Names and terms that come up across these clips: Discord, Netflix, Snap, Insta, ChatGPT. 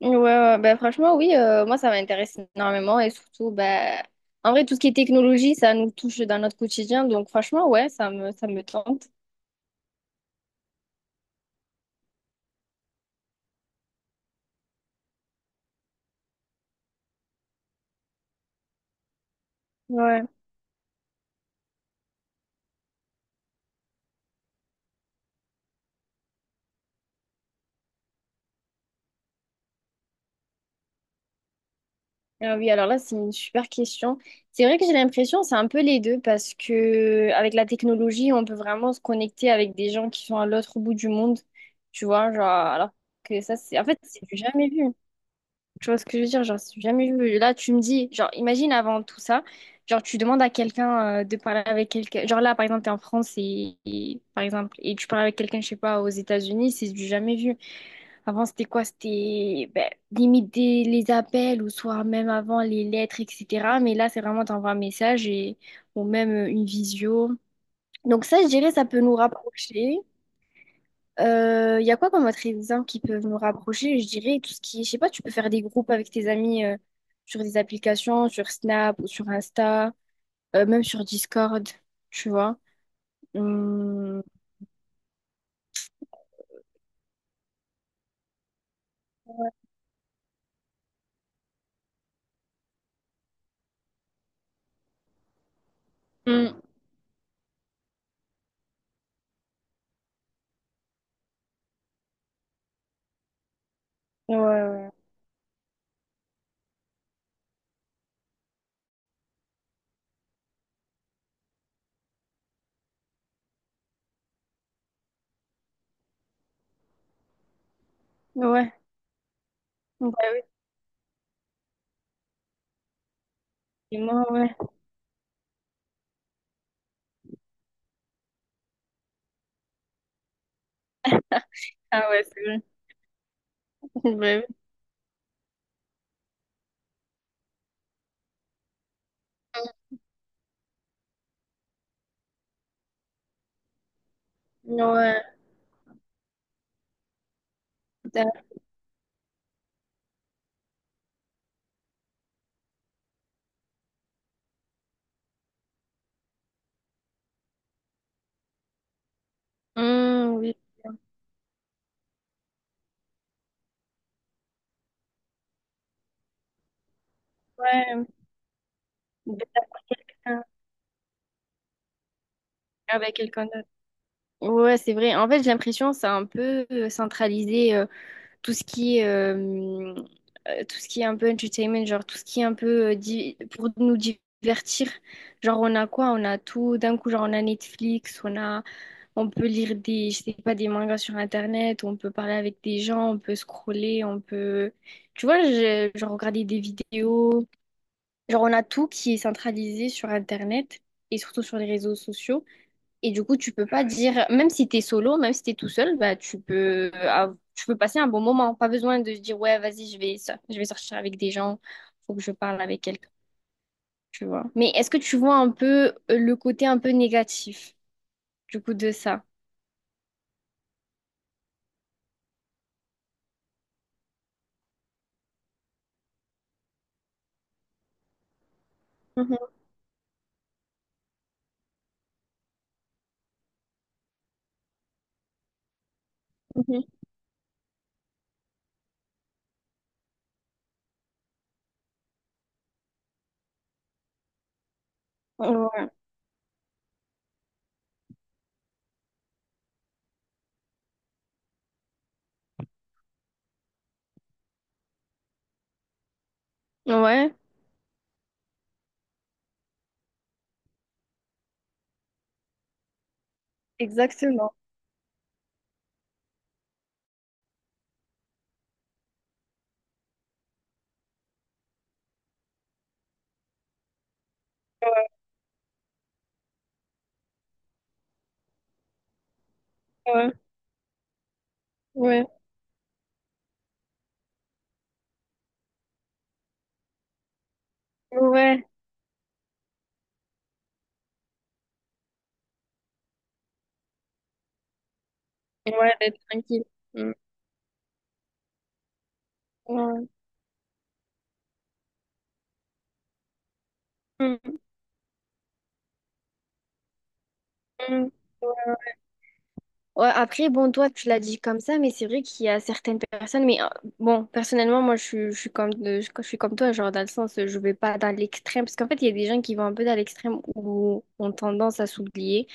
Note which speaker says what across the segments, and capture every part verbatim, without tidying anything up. Speaker 1: Ouais, ouais, bah, franchement, oui, euh, moi, ça m'intéresse énormément et surtout, bah, en vrai, tout ce qui est technologie, ça nous touche dans notre quotidien. Donc, franchement, ouais, ça me, ça me tente. Ouais. Ah oui, alors là, c'est une super question. C'est vrai que j'ai l'impression, c'est un peu les deux parce que avec la technologie, on peut vraiment se connecter avec des gens qui sont à l'autre bout du monde, tu vois, genre, alors que ça, c'est, en fait, c'est du jamais vu. Tu vois ce que je veux dire? Genre, c'est jamais vu. Là, tu me dis, genre, imagine avant tout ça, genre, tu demandes à quelqu'un euh, de parler avec quelqu'un. Genre, là, par exemple, t'es en France et, et- par exemple, et tu parles avec quelqu'un, je sais pas, aux États-Unis, c'est du jamais vu. Avant, c'était quoi? C'était ben, limite des- les appels ou soit même avant les lettres, et cetera. Mais là, c'est vraiment t'envoies un message et ou même euh, une visio. Donc, ça, je dirais, ça peut nous rapprocher. Il y a quoi comme autre exemple qui peuvent nous rapprocher? Je dirais tout ce qui, je sais pas, tu peux faire des groupes avec tes amis euh, sur des applications, sur Snap ou sur Insta, euh, même sur Discord, tu vois. Hum. Mm. Ouais, ouais, ouais. Ouais. Bah oui, c'est moi, ouais. Ah ouais, c'est vrai. Ouais. Ouais, t'as- hum, oui, ouais. D'être avec quelqu'un. Avec quelqu'un d'autre. Ouais, c'est vrai. En fait, j'ai l'impression que c'est un peu euh, centralisé. tout ce qui est, euh, euh, tout ce qui est un peu entertainment, genre tout ce qui est un peu euh, di- pour nous divertir. Genre on a quoi? On a tout d'un coup, genre on a Netflix, on a, on peut lire des, je sais pas, des mangas sur Internet, on peut parler avec des gens, on peut scroller, on peut, tu vois, je- genre regarder des vidéos. Genre on a tout qui est centralisé sur Internet et surtout sur les réseaux sociaux. Et du coup, tu peux pas dire, même si t'es solo, même si t'es tout seul, bah, tu peux, av- tu peux passer un bon moment. Pas besoin de se dire, ouais, vas-y, je vais, so- je vais sortir avec des gens, faut que je parle avec quelqu'un, tu vois. Mais est-ce que tu vois un peu euh, le côté un peu négatif, du coup, de ça? Mhm, mhm. Ouais, ouais, exactement. Ouais, ouais, ouais, ouais, d'être tranquille. Mm. Ouais. Mm, mm. Ouais, après, bon, toi, tu l'as dit comme ça, mais c'est vrai qu'il y a certaines personnes, mais euh, bon, personnellement, moi, je, suis- je suis comme, de- je suis comme toi, genre, dans le sens, euh, je vais pas dans l'extrême, parce qu'en fait, il y a des gens qui vont un peu dans l'extrême ou ont tendance à s'oublier.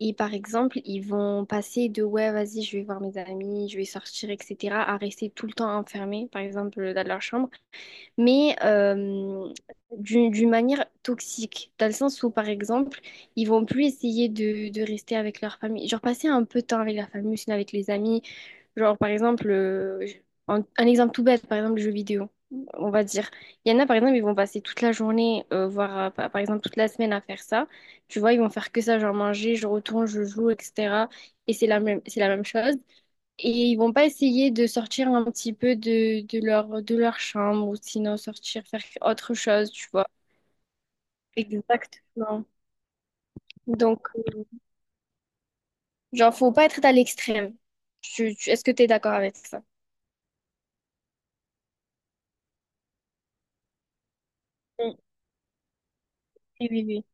Speaker 1: Et par exemple, ils vont passer de, ouais, vas-y, je vais voir mes amis, je vais sortir, et cetera, à rester tout le temps enfermés, par exemple, dans leur chambre mais euh, d'une d'une manière toxique, dans le sens où, par exemple, ils vont plus essayer de, de rester avec leur famille, genre passer un peu de temps avec la famille, sinon avec les amis, genre, par exemple, euh, un, un exemple tout bête, par exemple, le jeu vidéo. On va dire, il y en a par exemple, ils vont passer toute la journée, euh, voire euh, par par exemple toute la semaine à faire ça. Tu vois, ils vont faire que ça, genre manger, je retourne, je joue, et cetera. Et c'est la même, c'est la même chose. Et ils vont pas essayer de sortir un petit peu de, de leur, de leur chambre ou sinon sortir faire autre chose, tu vois. Exactement. Donc, euh, genre, faut pas être à l'extrême. Tu- tu- Est-ce que tu es d'accord avec ça? Mm. Oui, oui, oui.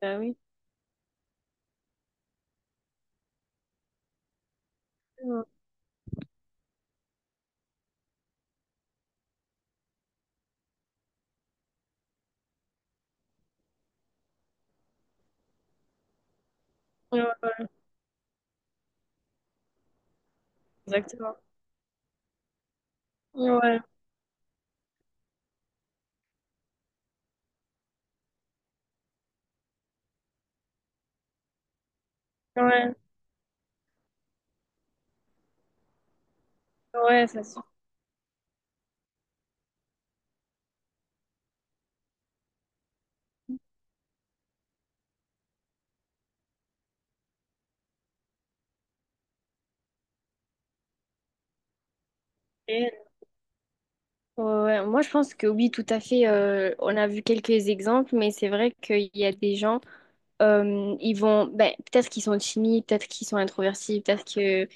Speaker 1: Bah oui. Ouais, ouais, exactement. Ouais, ouais, ouais, ça suffit. Ouais. Ouais. Moi, je pense que oui, tout à fait. Euh, on a vu quelques exemples, mais c'est vrai qu'il y a des gens, euh, ils vont, ben, peut-être qu'ils sont timides, peut-être qu'ils sont introvertis, peut-être que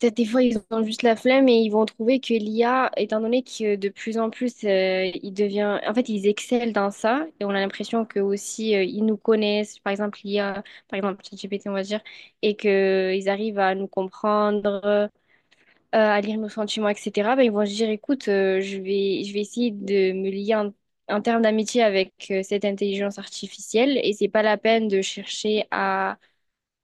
Speaker 1: peut-être des fois, ils ont juste la flemme et ils vont trouver que l'I A, étant donné que de plus en plus, euh, il devient... En fait, ils excellent dans ça et on a l'impression que aussi euh, ils nous connaissent, par exemple l'I A, par exemple ChatGPT, on va dire, et qu'ils arrivent à nous comprendre, euh, à lire nos sentiments, et cetera. Ben, ils vont se dire, écoute, euh, je vais, je vais essayer de me lier en, en termes d'amitié avec euh, cette intelligence artificielle et c'est pas la peine de chercher à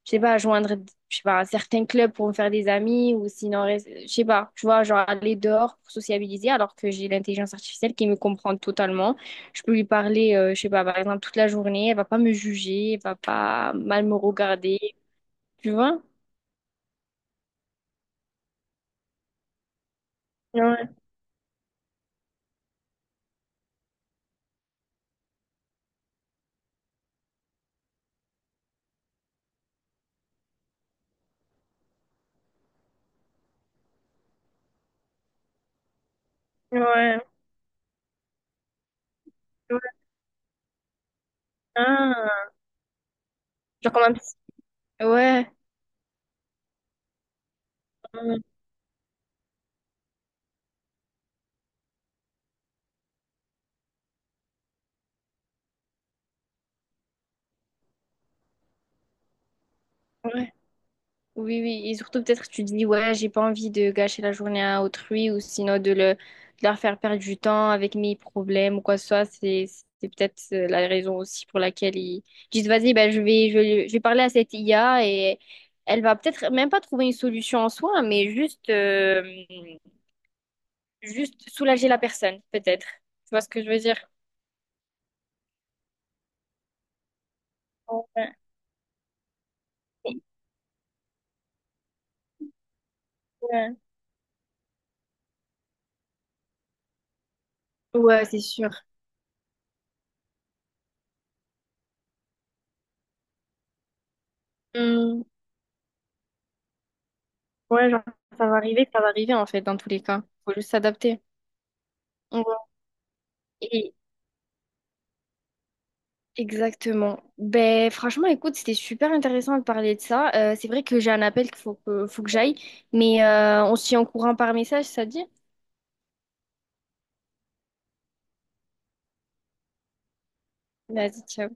Speaker 1: je sais pas, joindre, je sais pas, certains clubs pour me faire des amis ou sinon, res- je sais pas, tu vois, genre aller dehors pour sociabiliser alors que j'ai l'intelligence artificielle qui me comprend totalement. Je peux lui parler, euh, je sais pas, par exemple, toute la journée, elle va pas me juger, elle va pas mal me regarder, tu vois? Ouais, ouais, ouais. Ah, genre comme un psy. Ouais. Ouais. Oui, oui, et surtout peut-être que tu dis, ouais, j'ai pas envie de gâcher la journée à autrui ou sinon de, le, de leur faire perdre du temps avec mes problèmes ou quoi que ce soit. C'est, c'est peut-être euh, la raison aussi pour laquelle ils disent, vas-y, ben, je vais, je, vais- je vais parler à cette I A et elle va peut-être même pas trouver une solution en soi, mais juste, euh, juste soulager la personne, peut-être. Tu vois ce que je veux dire? Ouais, ouais. Ouais, c'est sûr. Hum. Ouais, genre, ça va arriver, ça va arriver en fait, dans tous les cas. Faut juste s'adapter. Ouais. Exactement. Ben, franchement, écoute, c'était super intéressant de parler de ça. Euh, c'est vrai que j'ai un appel qu'il faut que, faut que j'aille, mais euh, on se tient au courant par message, ça te dit? Vas-y, ciao.